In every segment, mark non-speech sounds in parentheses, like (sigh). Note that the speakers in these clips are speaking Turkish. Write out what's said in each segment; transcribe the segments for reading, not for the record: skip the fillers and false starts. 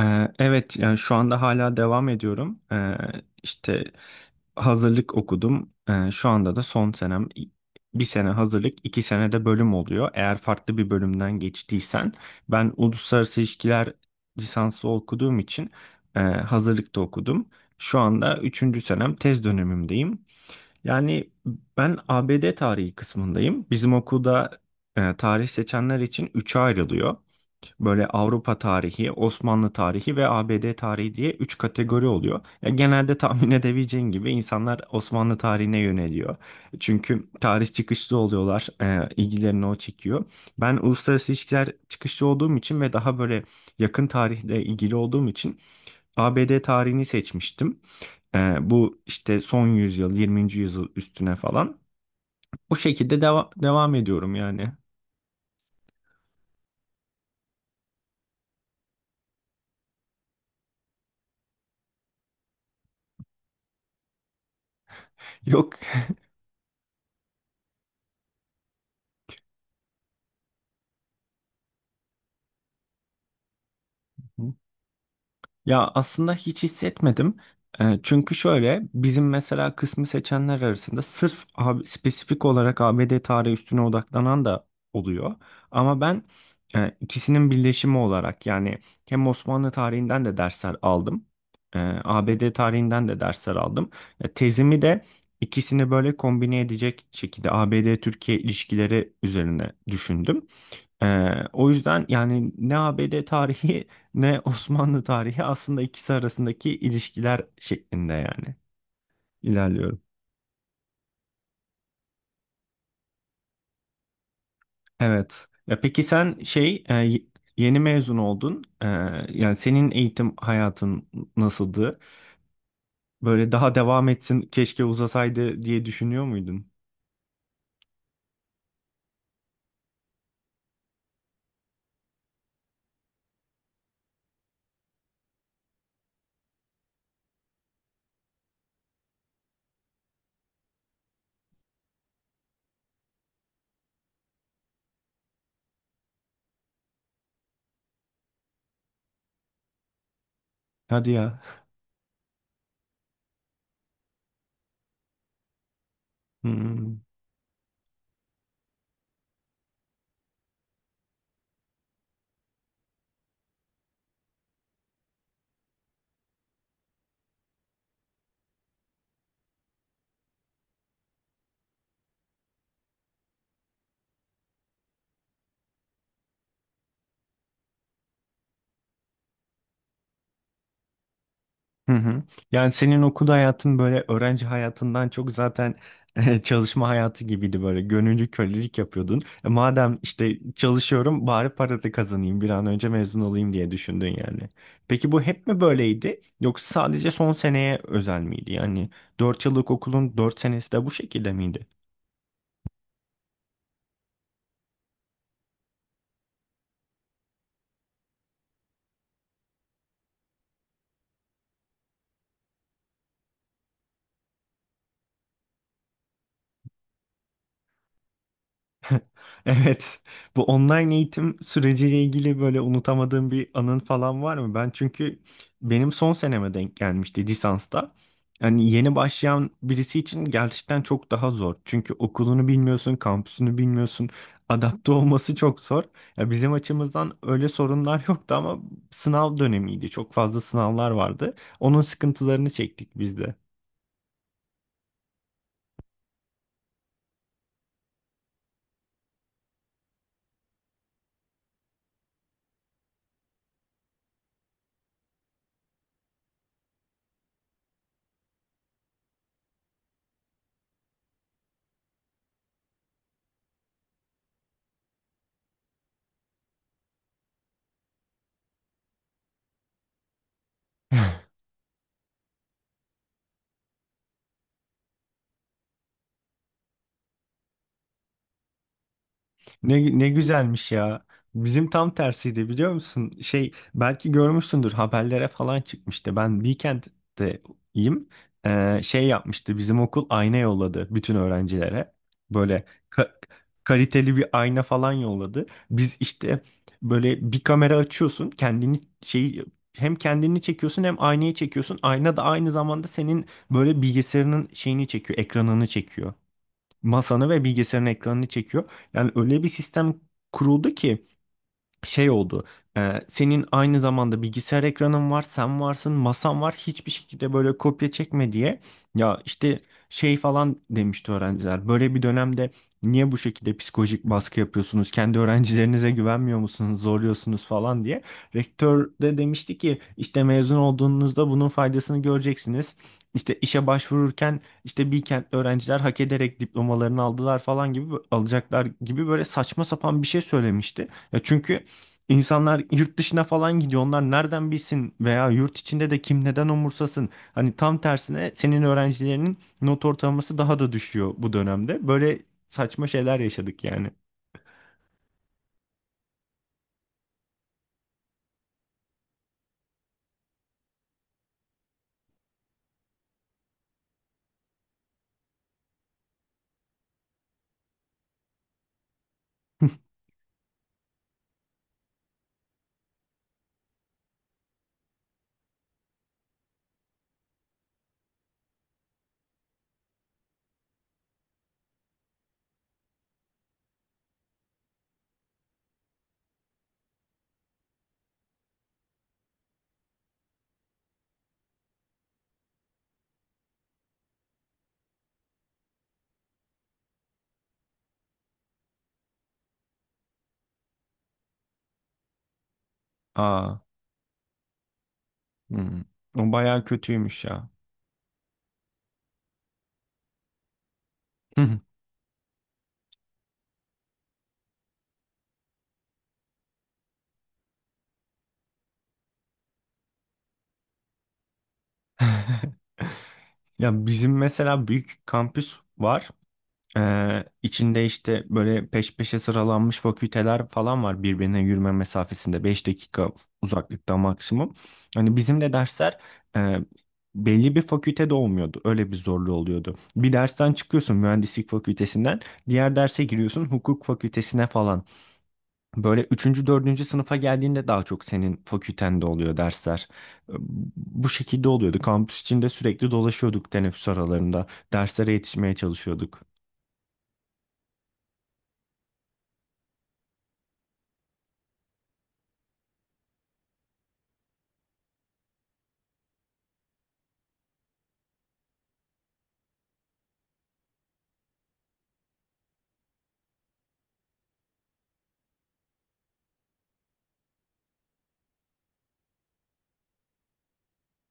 Evet, yani şu anda hala devam ediyorum. İşte hazırlık okudum. Şu anda da son senem. Bir sene hazırlık, 2 sene de bölüm oluyor. Eğer farklı bir bölümden geçtiysen, ben uluslararası ilişkiler lisansı okuduğum için hazırlıkta okudum. Şu anda üçüncü senem tez dönemimdeyim. Yani ben ABD tarihi kısmındayım. Bizim okulda tarih seçenler için üçe ayrılıyor. Böyle Avrupa tarihi, Osmanlı tarihi ve ABD tarihi diye 3 kategori oluyor. Ya genelde tahmin (laughs) edebileceğin gibi insanlar Osmanlı tarihine yöneliyor. Çünkü tarih çıkışlı oluyorlar, ilgilerini o çekiyor. Ben uluslararası ilişkiler çıkışlı olduğum için ve daha böyle yakın tarihle ilgili olduğum için ABD tarihini seçmiştim. Bu işte son yüzyıl, 20. yüzyıl üstüne falan. Bu şekilde devam ediyorum yani. (laughs) Yok. Ya aslında hiç hissetmedim. Çünkü şöyle bizim mesela kısmı seçenler arasında sırf spesifik olarak ABD tarihi üstüne odaklanan da oluyor. Ama ben ikisinin birleşimi olarak yani hem Osmanlı tarihinden de dersler aldım. e, ABD tarihinden de dersler aldım. Ya, tezimi de ikisini böyle kombine edecek şekilde ABD-Türkiye ilişkileri üzerine düşündüm. O yüzden yani ne ABD tarihi ne Osmanlı tarihi aslında ikisi arasındaki ilişkiler şeklinde yani ilerliyorum. Evet. Ya peki sen şey yeni mezun oldun. Yani senin eğitim hayatın nasıldı? Böyle daha devam etsin keşke uzasaydı diye düşünüyor muydun? Hadi ya. Hmm. Hı hı. Yani senin okul hayatın böyle öğrenci hayatından çok zaten (laughs) çalışma hayatı gibiydi böyle gönüllü kölelik yapıyordun. Madem işte çalışıyorum bari para da kazanayım bir an önce mezun olayım diye düşündün yani. Peki bu hep mi böyleydi yoksa sadece son seneye özel miydi? Yani 4 yıllık okulun 4 senesi de bu şekilde miydi? (laughs) Evet. Bu online eğitim süreciyle ilgili böyle unutamadığım bir anın falan var mı? Ben çünkü benim son seneme denk gelmişti lisansta. Hani yeni başlayan birisi için gerçekten çok daha zor. Çünkü okulunu bilmiyorsun, kampüsünü bilmiyorsun. Adapte olması çok zor. Ya bizim açımızdan öyle sorunlar (laughs) yoktu ama sınav dönemiydi. Çok fazla sınavlar vardı. Onun sıkıntılarını çektik biz. Ne güzelmiş ya. Bizim tam tersiydi biliyor musun? Şey belki görmüşsündür haberlere falan çıkmıştı. Ben Weekend'deyim. Şey yapmıştı bizim okul, ayna yolladı bütün öğrencilere. Böyle ka- kaliteli bir ayna falan yolladı. Biz işte böyle bir kamera açıyorsun, kendini şey, hem kendini çekiyorsun hem aynayı çekiyorsun. Ayna da aynı zamanda senin böyle bilgisayarının şeyini çekiyor, ekranını çekiyor, masanı ve bilgisayarın ekranını çekiyor. Yani öyle bir sistem kuruldu ki şey oldu. Senin aynı zamanda bilgisayar ekranın var, sen varsın, masan var. Hiçbir şekilde böyle kopya çekme diye. Ya işte şey falan demişti öğrenciler. Böyle bir dönemde niye bu şekilde psikolojik baskı yapıyorsunuz? Kendi öğrencilerinize güvenmiyor musunuz? Zorluyorsunuz falan diye. Rektör de demişti ki işte mezun olduğunuzda bunun faydasını göreceksiniz. İşte işe başvururken işte Bilkentli öğrenciler hak ederek diplomalarını aldılar falan gibi alacaklar gibi böyle saçma sapan bir şey söylemişti. Ya çünkü İnsanlar yurt dışına falan gidiyor. Onlar nereden bilsin veya yurt içinde de kim neden umursasın? Hani tam tersine senin öğrencilerinin not ortalaması daha da düşüyor bu dönemde. Böyle saçma şeyler yaşadık yani. (laughs) Aa, hmm. O bayağı kötüymüş ya. (laughs) Ya bizim mesela büyük kampüs var. İçinde işte böyle peş peşe sıralanmış fakülteler falan var, birbirine yürüme mesafesinde 5 dakika uzaklıkta maksimum. Hani bizim de dersler e, belli bir fakültede olmuyordu. Öyle bir zorluğu oluyordu. Bir dersten çıkıyorsun mühendislik fakültesinden, diğer derse giriyorsun hukuk fakültesine falan. Böyle üçüncü dördüncü sınıfa geldiğinde daha çok senin fakültende oluyor dersler. Ee, Bu şekilde oluyordu. Kampüs içinde sürekli dolaşıyorduk teneffüs aralarında. Derslere yetişmeye çalışıyorduk.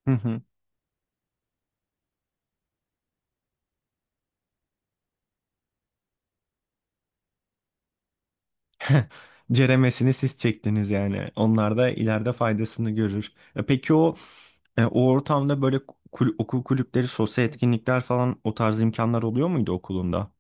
(laughs) (laughs) Ceremesini siz çektiniz yani. Onlar da ileride faydasını görür. Peki o ortamda böyle okul kulüpleri, sosyal etkinlikler falan o tarz imkanlar oluyor muydu okulunda?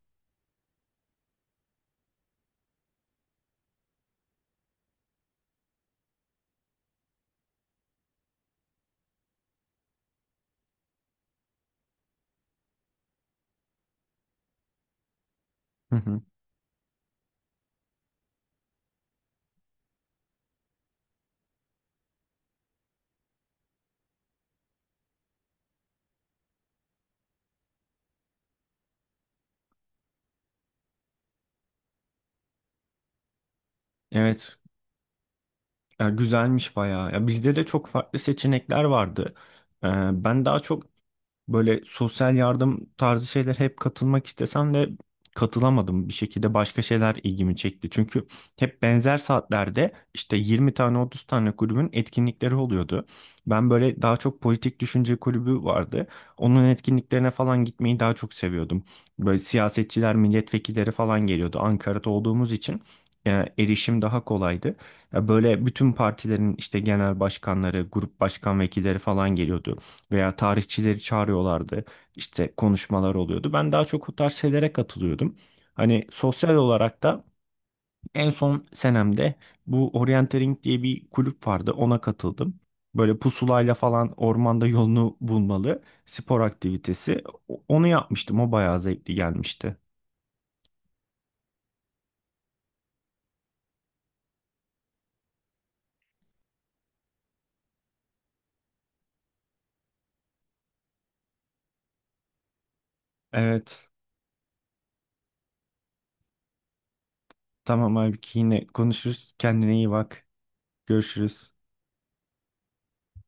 Hı hı. Evet, ya güzelmiş bayağı. Ya bizde de çok farklı seçenekler vardı. E, Ben daha çok böyle sosyal yardım tarzı şeyler hep katılmak istesem de katılamadım. Bir şekilde başka şeyler ilgimi çekti. Çünkü hep benzer saatlerde işte 20 tane 30 tane kulübün etkinlikleri oluyordu. Ben böyle daha çok politik düşünce kulübü vardı. Onun etkinliklerine falan gitmeyi daha çok seviyordum. Böyle siyasetçiler, milletvekilleri falan geliyordu. Ankara'da olduğumuz için e, erişim daha kolaydı. Ya böyle bütün partilerin işte genel başkanları, grup başkan vekilleri falan geliyordu veya tarihçileri çağırıyorlardı. İşte konuşmalar oluyordu. Ben daha çok o tarz şeylere katılıyordum. Hani sosyal olarak da en son senemde bu orienteering diye bir kulüp vardı. Ona katıldım. Böyle pusulayla falan ormanda yolunu bulmalı spor aktivitesi. Onu yapmıştım. O bayağı zevkli gelmişti. Evet. Tamam abi yine konuşuruz. Kendine iyi bak. Görüşürüz.